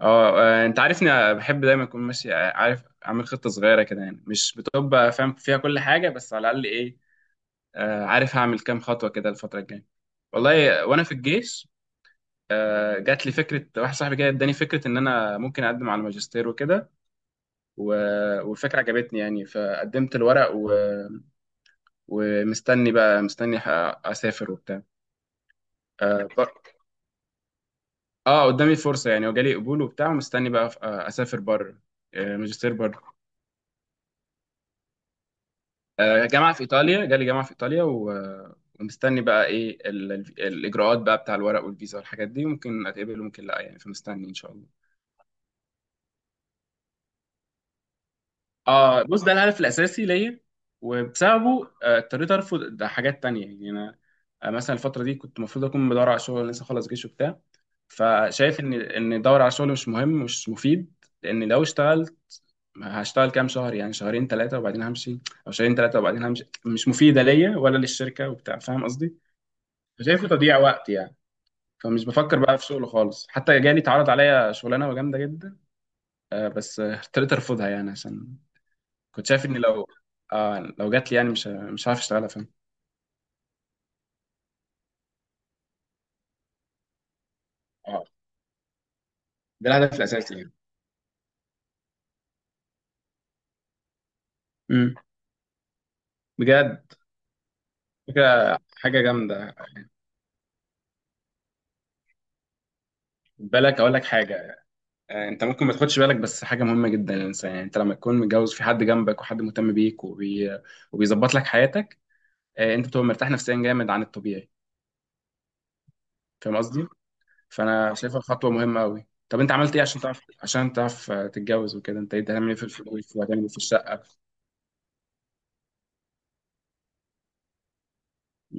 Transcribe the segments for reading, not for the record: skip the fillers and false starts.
انت عارفني، أنا بحب دايما اكون ماشي. عارف اعمل خطه صغيره كده، يعني مش بتبقى فاهم فيها كل حاجه، بس على الاقل ايه، عارف هعمل كام خطوه كده الفتره الجايه. والله وانا في الجيش جات لي فكره. واحد صاحبي كده اداني فكره ان انا ممكن اقدم على الماجستير وكده. والفكره عجبتني يعني، فقدمت الورق ومستني بقى. مستني اسافر وبتاع. اه ب- قدامي فرصه يعني، وجالي قبول وبتاع، ومستني بقى اسافر بره، ماجستير بره. جامعة في إيطاليا، جالي جامعة في إيطاليا ومستني بقى الإجراءات بقى بتاع الورق والفيزا والحاجات دي. ممكن أتقبل وممكن لأ يعني، فمستني إن شاء الله. بص، ده الهدف الأساسي ليا، وبسببه اضطريت أرفض ده حاجات تانية يعني. أنا مثلا الفترة دي كنت المفروض أكون بدور على شغل، لسه خلص جيش وبتاع، فشايف إن أدور على شغل مش مهم، مش مفيد. لأن لو اشتغلت هشتغل كام شهر، يعني شهرين ثلاثة وبعدين همشي، أو شهرين ثلاثة وبعدين همشي. مش مفيدة ليا ولا للشركة وبتاع. فاهم قصدي؟ شايفه تضييع وقت يعني. فمش بفكر بقى في شغله خالص، حتى جالي اتعرض عليا شغلانه جامده جدا، بس اضطريت ارفضها يعني، عشان كنت شايف ان لو لو جات لي يعني مش مش هعرف اشتغلها. فاهم. اه، ده الهدف الاساسي يعني. امم. بجد. فكره حاجه جامده. خد بالك اقول لك حاجه، انت ممكن ما تاخدش بالك، بس حاجه مهمه جدا للانسان. يعني انت لما تكون متجوز، في حد جنبك وحد مهتم بيك وبيظبط لك حياتك، انت بتبقى مرتاح نفسيا جامد عن الطبيعي. فاهم قصدي؟ فانا شايفها خطوه مهمه قوي. طب انت عملت ايه عشان تعرف تتجوز وكده؟ انت ايه هتعمل ايه في الفلوس، وهتعمل ايه في الشقه؟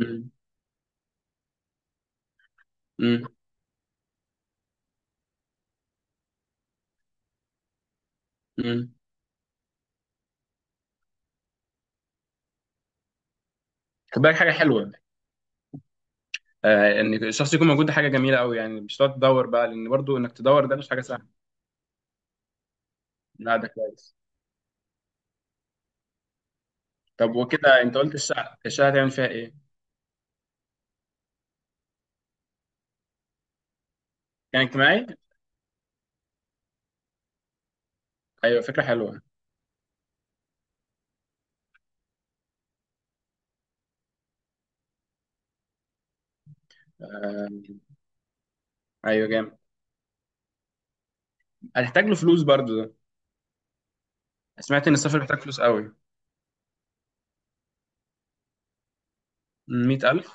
امم. امم. امم. خد بالك حاجه حلوه، ان الشخص يكون موجود، ده حاجه جميله قوي يعني. مش تقعد تدور بقى، لان برضو انك تدور ده مش حاجه سهله. لا، ده كويس. طب وكده انت قلت الشقه، الشقه هتعمل فيها ايه؟ كان اجتماعي. ايوه، فكره حلوه. آه ايوه جامد. هتحتاج له فلوس برضو ده. سمعت ان السفر بيحتاج فلوس قوي. 100,000.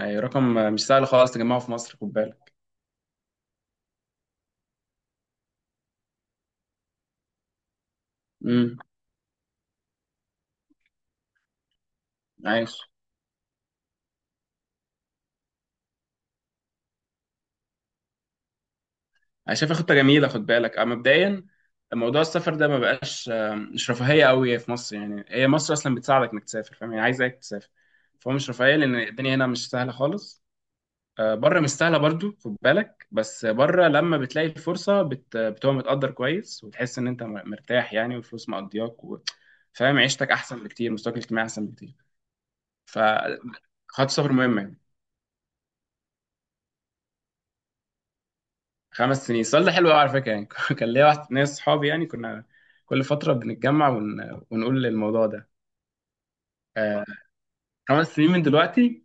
ايوه، رقم مش سهل خالص تجمعه في مصر، خد بالك. امم. عايش. انا شايفها خطه جميله. خد بالك مبدئيا موضوع السفر ده ما بقاش مش رفاهيه قوي في مصر. يعني هي مصر اصلا بتساعدك انك تسافر، فاهم، هي عايزاك تسافر. فهو مش رفاهيه، لان الدنيا هنا مش سهله خالص. بره مش سهله برضو، خد بالك، بس بره لما بتلاقي الفرصه بتبقى متقدر كويس، وتحس ان انت مرتاح يعني، والفلوس مقضياك فاهم. عيشتك احسن بكتير، مستواك الاجتماعي احسن بكتير. فخط سفر مهم يعني. خمس سنين. السؤال ده حلو قوي على فكره يعني. كان ليا واحد ناس صحابي يعني، كنا كل فتره بنتجمع ونقول الموضوع ده. آه خمس سنين من دلوقتي.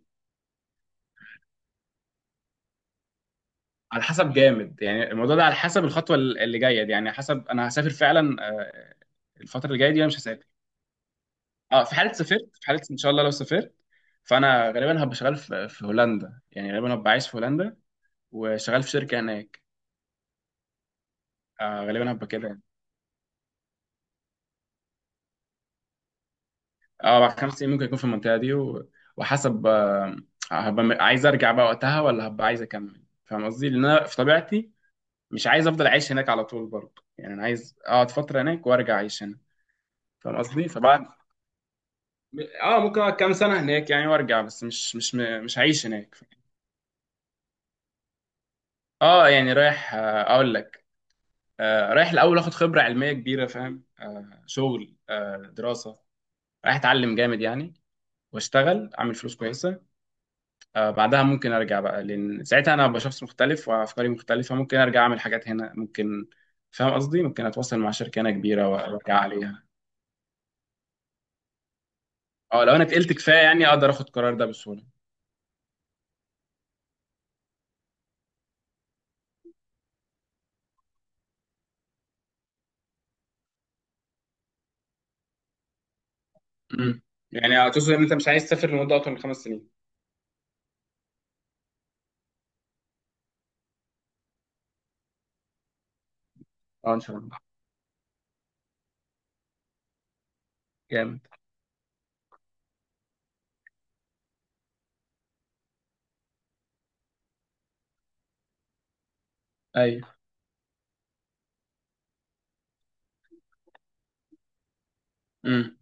على حسب جامد يعني الموضوع ده، على حسب الخطوه اللي جايه دي، يعني حسب انا هسافر فعلا الفتره اللي جايه دي ولا مش هسافر. اه، في حاله سافرت، في حاله ان شاء الله لو سافرت، فانا غالبا هبقى شغال في هولندا، يعني غالبا هبقى عايش في هولندا وشغال في شركه هناك. غالبا هبقى كده يعني. اه، بعد خمس سنين ممكن يكون في المنطقة دي وحسب هبقى عايز ارجع بقى وقتها، ولا هبقى عايز اكمل؟ فاهم قصدي؟ لان انا في طبيعتي مش عايز افضل عايش هناك على طول برضه يعني. انا عايز اقعد فترة هناك وارجع اعيش هنا، فاهم قصدي؟ فبعد اه ممكن اقعد كام سنة هناك يعني وارجع، بس مش هعيش هناك. اه، يعني رايح اقول لك رايح الاول اخد خبرة علمية كبيرة، فاهم، شغل دراسة. رايح اتعلم جامد يعني، واشتغل اعمل فلوس كويسة. بعدها ممكن ارجع بقى، لان ساعتها انا ابقى شخص مختلف وافكاري مختلفه. ممكن ارجع اعمل حاجات هنا، ممكن. فاهم قصدي؟ ممكن اتواصل مع شركه هنا كبيره وارجع عليها. اه، لو انا اتقلت كفايه يعني اقدر اخد القرار ده بسهوله. امم. يعني هتوصل ان انت مش عايز تسافر لمده اطول من خمس سنين. اه، ان شاء الله. جامد. ايوه. امم.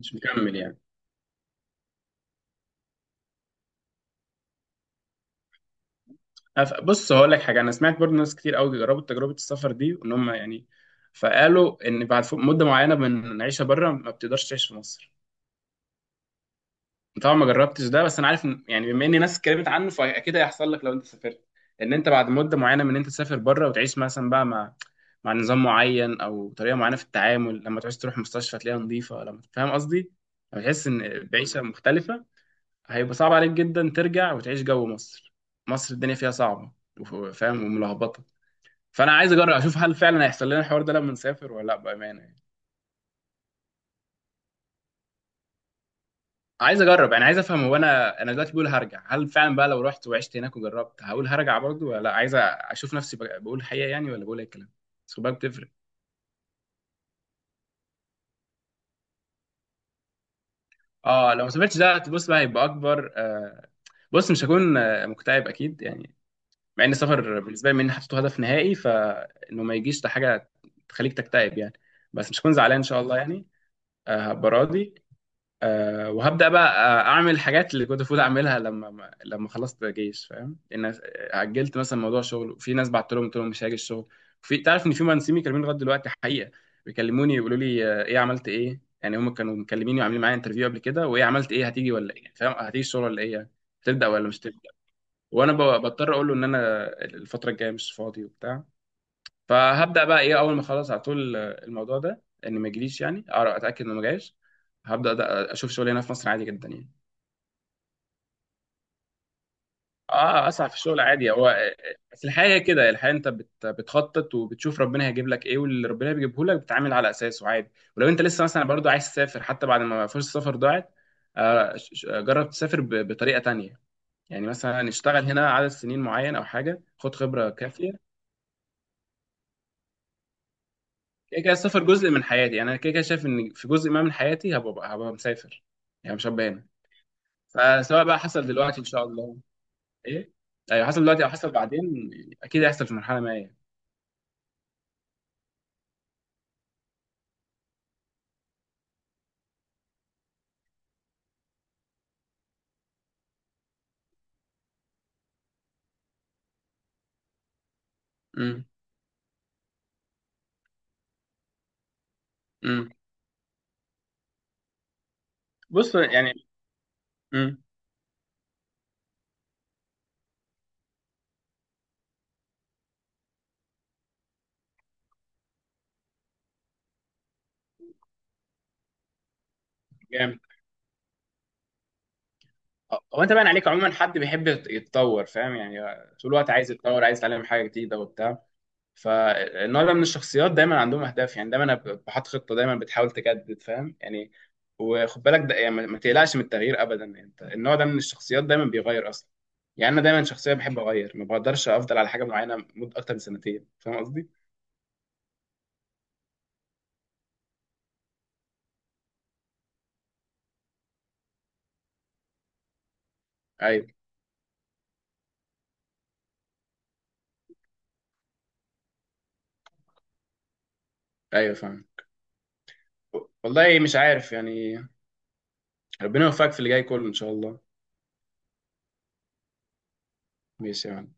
مش مكمل يعني. بص هقول لك حاجه، انا سمعت برضه ناس كتير قوي جربوا تجربه السفر دي وان هم يعني، فقالوا ان بعد فوق مده معينه من العيشه بره ما بتقدرش تعيش في مصر. طبعا ما جربتش ده، بس انا عارف يعني بما ان ناس اتكلمت عنه، فاكيد هيحصل لك لو انت سافرت، ان انت بعد مده معينه من ان انت تسافر بره وتعيش مثلا بقى مع مع نظام معين او طريقه معينه في التعامل. لما تعوز تروح مستشفى تلاقيها نظيفه، لما، فاهم قصدي، لما تحس ان بعيشه مختلفه، هيبقى صعب عليك جدا ترجع وتعيش جو مصر. مصر الدنيا فيها صعبه وف- فاهم، وملخبطه. فانا عايز اجرب اشوف هل فعلا هيحصل لنا الحوار ده لما نسافر ولا لا، بامانه يعني. عايز اجرب يعني عايز افهم، هو انا انا دلوقتي بقول هرجع، هل فعلا بقى لو رحت وعشت هناك وجربت هقول هرجع برضو ولا لا. عايز اشوف نفسي بقول الحقيقه يعني ولا بقول اي كلام. بس خد بالك بتفرق. اه، لو ما سافرتش ده بص بقى هيبقى اكبر بص. مش هكون مكتئب اكيد يعني. مع ان السفر بالنسبه لي من حطيته هدف نهائي، فانه ما يجيش ده حاجه تخليك تكتئب يعني. بس مش هكون زعلان ان شاء الله يعني. هبقى راضي. وهبدا بقى اعمل حاجات اللي كنت المفروض اعملها لما لما خلصت جيش. فاهم ان أنا اجلت مثلا موضوع شغل، في ناس بعت لهم قلت لهم مش هاجي الشغل. في، تعرف ان في مهندسين بيكلموني لغايه دلوقتي حقيقه، بيكلموني يقولوا لي ايه عملت ايه يعني، هم كانوا مكلميني وعاملين معايا انترفيو قبل كده، وايه عملت ايه، هتيجي ولا ايه، فاهم، هتيجي الشغل ولا ايه يعني، تبدا ولا مش تبدا. وانا بضطر اقول له ان انا الفتره الجايه مش فاضي وبتاع. فهبدا بقى ايه اول ما خلاص على طول الموضوع ده ان ما يجيليش يعني، اتاكد انه ما جايش، هبدا اشوف شغل هنا في مصر عادي جدا يعني. اه، اسعى في الشغل عادي. هو بس الحياه هي كده، الحياه انت بتخطط وبتشوف ربنا هيجيب لك ايه، واللي ربنا بيجيبه لك بتتعامل على اساسه عادي. ولو انت لسه مثلا برضو عايز تسافر حتى بعد ما فرصه السفر ضاعت، جرب تسافر بطريقه تانية، يعني مثلا اشتغل هنا عدد سنين معين او حاجه، خد خبره كافيه. كده كده السفر جزء من حياتي يعني، انا كده كده شايف ان في جزء ما من حياتي هبقى مسافر، يعني مش هبقى هنا. فسواء بقى حصل دلوقتي ان شاء الله. ايه. ايوه حصل دلوقتي او حصل بعدين، اكيد هيحصل في مرحله ما يعني. امم. امم. بص يعني. امم. جامد. هو انت باين عليك عموما حد بيحب يتطور، فاهم يعني، طول الوقت عايز يتطور، عايز يتعلم حاجه جديده وبتاع. فالنوع ده من الشخصيات دايما عندهم اهداف يعني، دايما بحط خطه، دايما بتحاول تجدد، فاهم يعني. وخد بالك ده، يعني ما تقلقش من التغيير ابدا يعني، انت النوع ده من الشخصيات دايما بيغير اصلا. يعني انا دايما شخصيه بحب اغير، ما بقدرش افضل على حاجه معينه مده اكتر من سنتين، فاهم قصدي؟ ايوه، ايوه فاهم. والله مش عارف يعني. ربنا يوفقك في اللي جاي كله ان شاء الله. ماشي يا معلم.